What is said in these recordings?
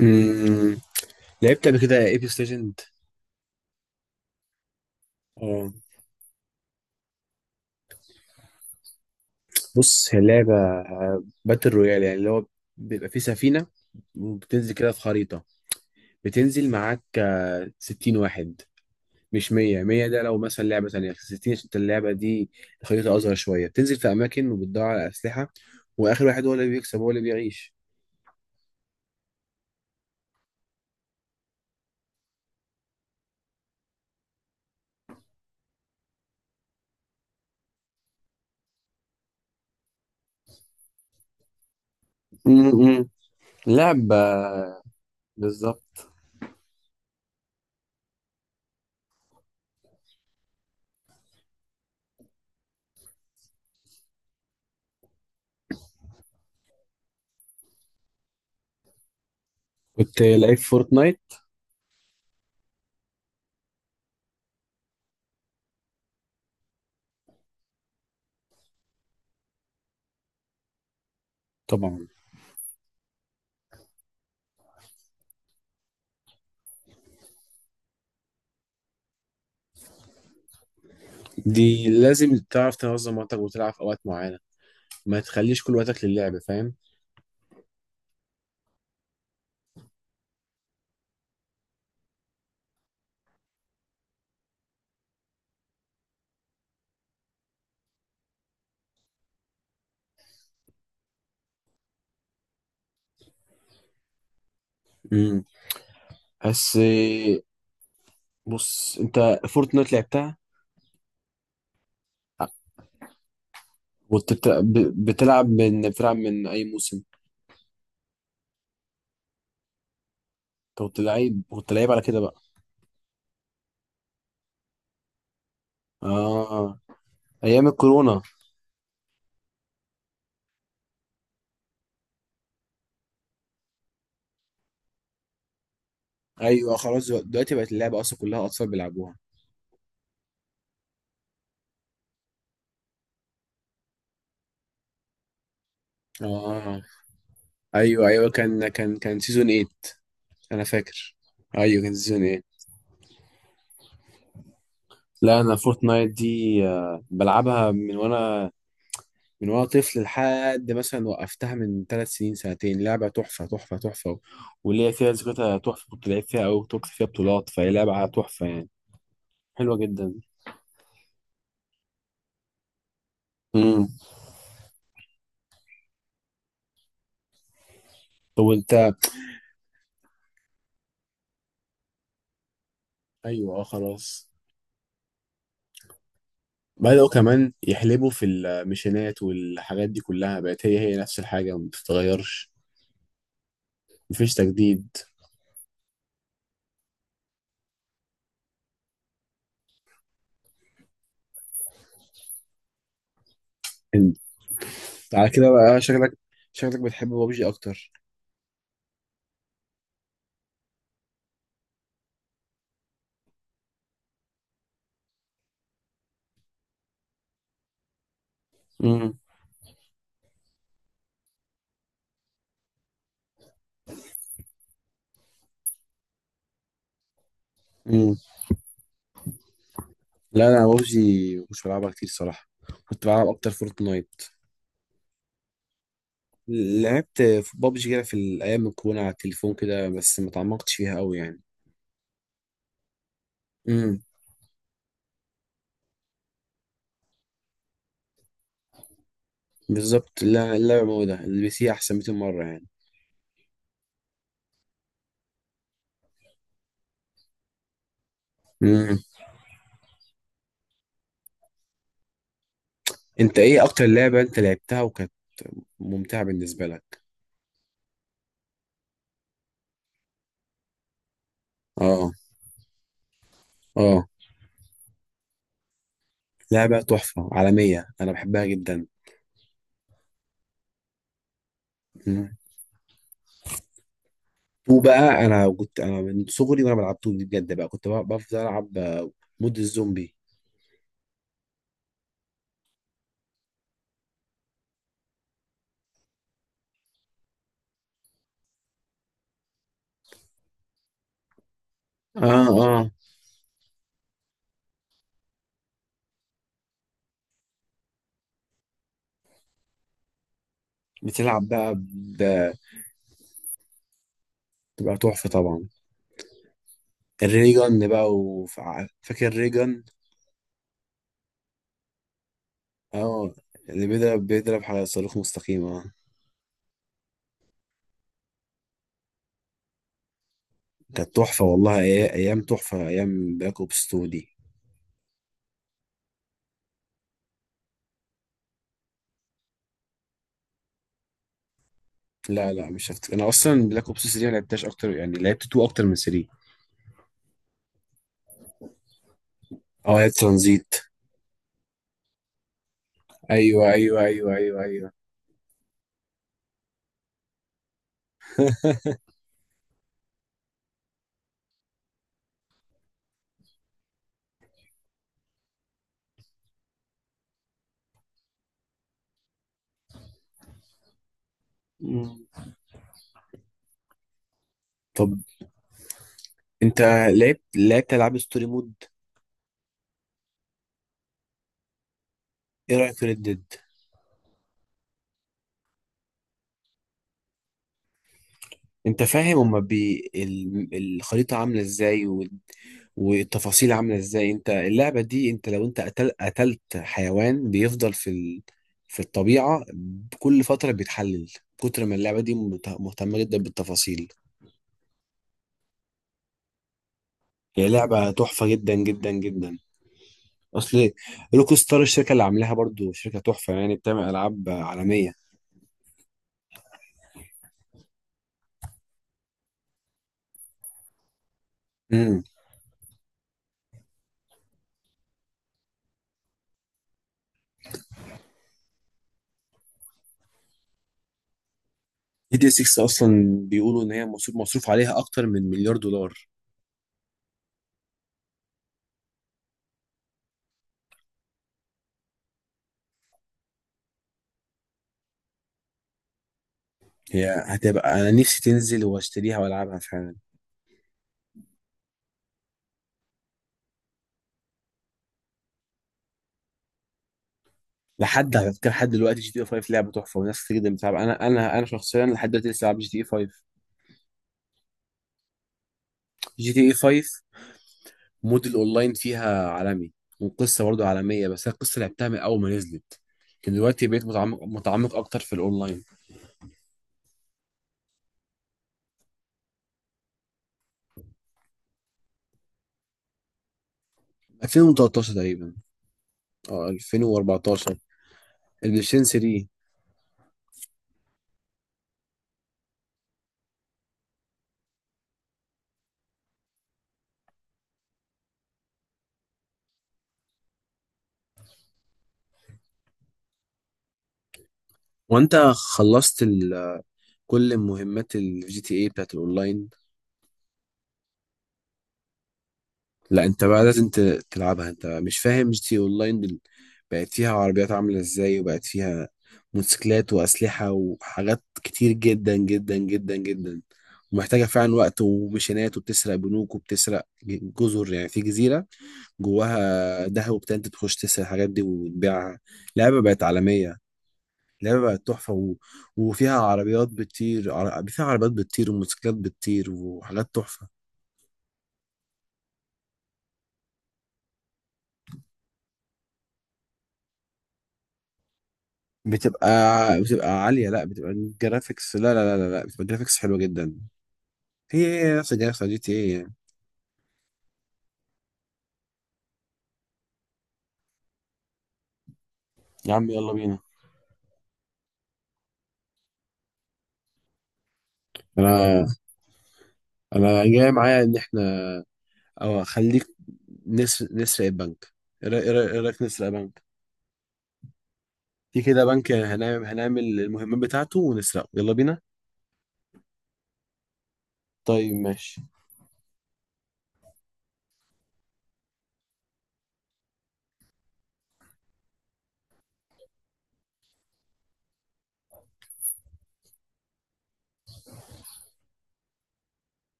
امم لعبت قبل كده ايبكس ليجند. اه، بص هي لعبه باتل رويال، يعني اللي هو بيبقى فيه سفينه وبتنزل كده في خريطه. بتنزل معاك 60 واحد، مش 100. 100 ده لو مثلا لعبه ثانيه، 60 عشان اللعبه دي الخريطه اصغر شويه. بتنزل في اماكن وبتدور على اسلحه، واخر واحد هو اللي بيكسب، هو اللي بيعيش. امم لعبه. بالظبط. كنت لعيب فورتنايت. طبعا. دي لازم تعرف تنظم وقتك وتلعب في اوقات معينه، ما تخليش كل وقتك للعب، فاهم؟ امم بس بص انت، فورتنايت لعبتها. كنت بت- ب- بتلعب من بتلعب من اي موسم؟ انت كنت لعيب على كده بقى. اه، ايام الكورونا. ايوه خلاص، دلوقتي بقت اللعبه اصلا كلها اطفال بيلعبوها. اه، ايوه ايوه، كان سيزون 8 انا فاكر. ايوه كان سيزون 8. لا، انا فورتنايت دي بلعبها من وانا طفل، لحد مثلا وقفتها من 3 سنين سنتين. لعبه تحفه تحفه تحفه، وليا فيها ذكرياتها تحفه. كنت لعبت فيها او كنت فيها بطولات، فهي لعبه تحفه يعني. حلوه جدا. امم طب وانت؟ ايوه اه خلاص. بدأوا كمان يحلبوا في الميشنات، والحاجات دي كلها بقت هي نفس الحاجه، ما بتتغيرش. مفيش تجديد. انت على كده بقى شكلك بتحب بابجي اكتر؟ امم امم لا، انا بابجي مش بلعبها كتير صراحه، كنت بلعب اكتر فورتنايت. لعبت في بابجي كده في الايام الكورونا على التليفون كده، بس ما تعمقتش فيها قوي يعني. امم بالظبط، لا، اللعبه موجوده البي سي احسن 200 مره يعني. امم انت ايه اكتر لعبه انت لعبتها وكانت ممتعه بالنسبه لك؟ اه اه، لعبه تحفه عالميه، انا بحبها جدا. امم وبقى انا كنت، انا من صغري وانا بلعب طول، بجد بقى كنت بقى بفضل العب مود الزومبي. اه اه، بتلعب بقى بتبقى تحفه طبعا. الريجن بقى، وفاكر الريجن. اه، اللي بيضرب على صاروخ مستقيم، اه. كانت تحفة والله. أيام تحفة، أيام بلاك أوبس 2 دي. لا لا، مش هفتكر، أنا أصلا بلاك أوبس 3 ما لعبتهاش أكتر، يعني لعبت 2 أكتر من 3. اه لعبت ترانزيت. أيوه أيوه أيوه أيوه أيوه. مم. طب أنت لعبت ألعاب ستوري مود. إيه رأيك في ريد ديد؟ أنت فاهم هما الخريطة عاملة إزاي، والتفاصيل عاملة ازاي. انت اللعبة دي، انت لو انت قتلت حيوان، بيفضل في الطبيعة كل فترة بيتحلل. كتر ما اللعبة دي مهتمة جدا بالتفاصيل. هي لعبة تحفة جدا جدا جدا. اصل روك ستار، الشركة اللي عاملاها، برضو شركة تحفة يعني، بتعمل العاب عالمية. امم جي تي 6 اصلا بيقولوا ان هي مصروف عليها اكتر من مليار دولار. هي هتبقى، انا نفسي تنزل واشتريها والعبها فعلا. لحد على فكره، لحد دلوقتي جي تي اي 5 لعبه تحفه وناس كتير جدا بتلعب. انا شخصيا لحد دلوقتي لسه بلعب جي تي اي 5. جي تي اي 5 مود الاونلاين فيها عالمي، والقصه برضه عالميه، بس أنا القصه لعبتها من اول ما نزلت، لكن دلوقتي بقيت متعمق متعمق اكتر في الاونلاين. 2013 تقريبا. اه 2014. البلايستيشن 3. وانت خلصت كل مهمات الجي تي اي بتاعت الاونلاين؟ لا، انت بقى لازم تلعبها. انت مش فاهم، جي تي اونلاين بقت فيها عربيات عاملة ازاي، وبقت فيها موتوسيكلات وأسلحة وحاجات كتير جدا جدا جدا جدا. ومحتاجة فعلا وقت وميشنات، وبتسرق بنوك، وبتسرق جزر. يعني في جزيرة جواها دهب وبتاع، انت تخش تسرق الحاجات دي وتبيعها. لعبة بقت عالمية، لعبة بقت تحفة وفيها عربيات بتطير فيها عربيات بتطير وموتوسيكلات بتطير، وحاجات تحفة. بتبقى بتبقى عالية، لا بتبقى الجرافيكس، لا لا لا لا لا، بتبقى جرافيكس حلوة جدا. هي هي نفس الجرافيكس بتاع جي تي ايه يعني. يا عم يلا بينا. انا انا جاي معايا ان احنا، او خليك، نسرق البنك. ايه رأي- إيه رأي- إيه رأيك نسرق بنك؟ في كده بنك، هنعمل المهمات بتاعته ونسرقه، يلا بينا. طيب ماشي.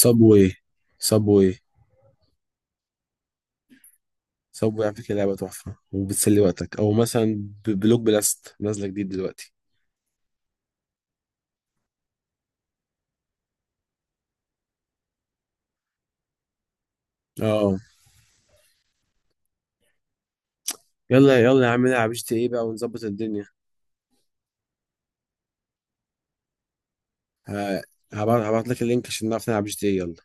صابوي. صابوي. صابوي على فكرة لعبة تحفة وبتسلي وقتك، أو مثلا بلوك بلاست نازلة جديد دلوقتي. اه يلا يلا يا عم نلعب جي تي ايه بقى ونظبط الدنيا. ه- هبعت لك اللينك عشان نعرف نلعب جي تي اي يلا.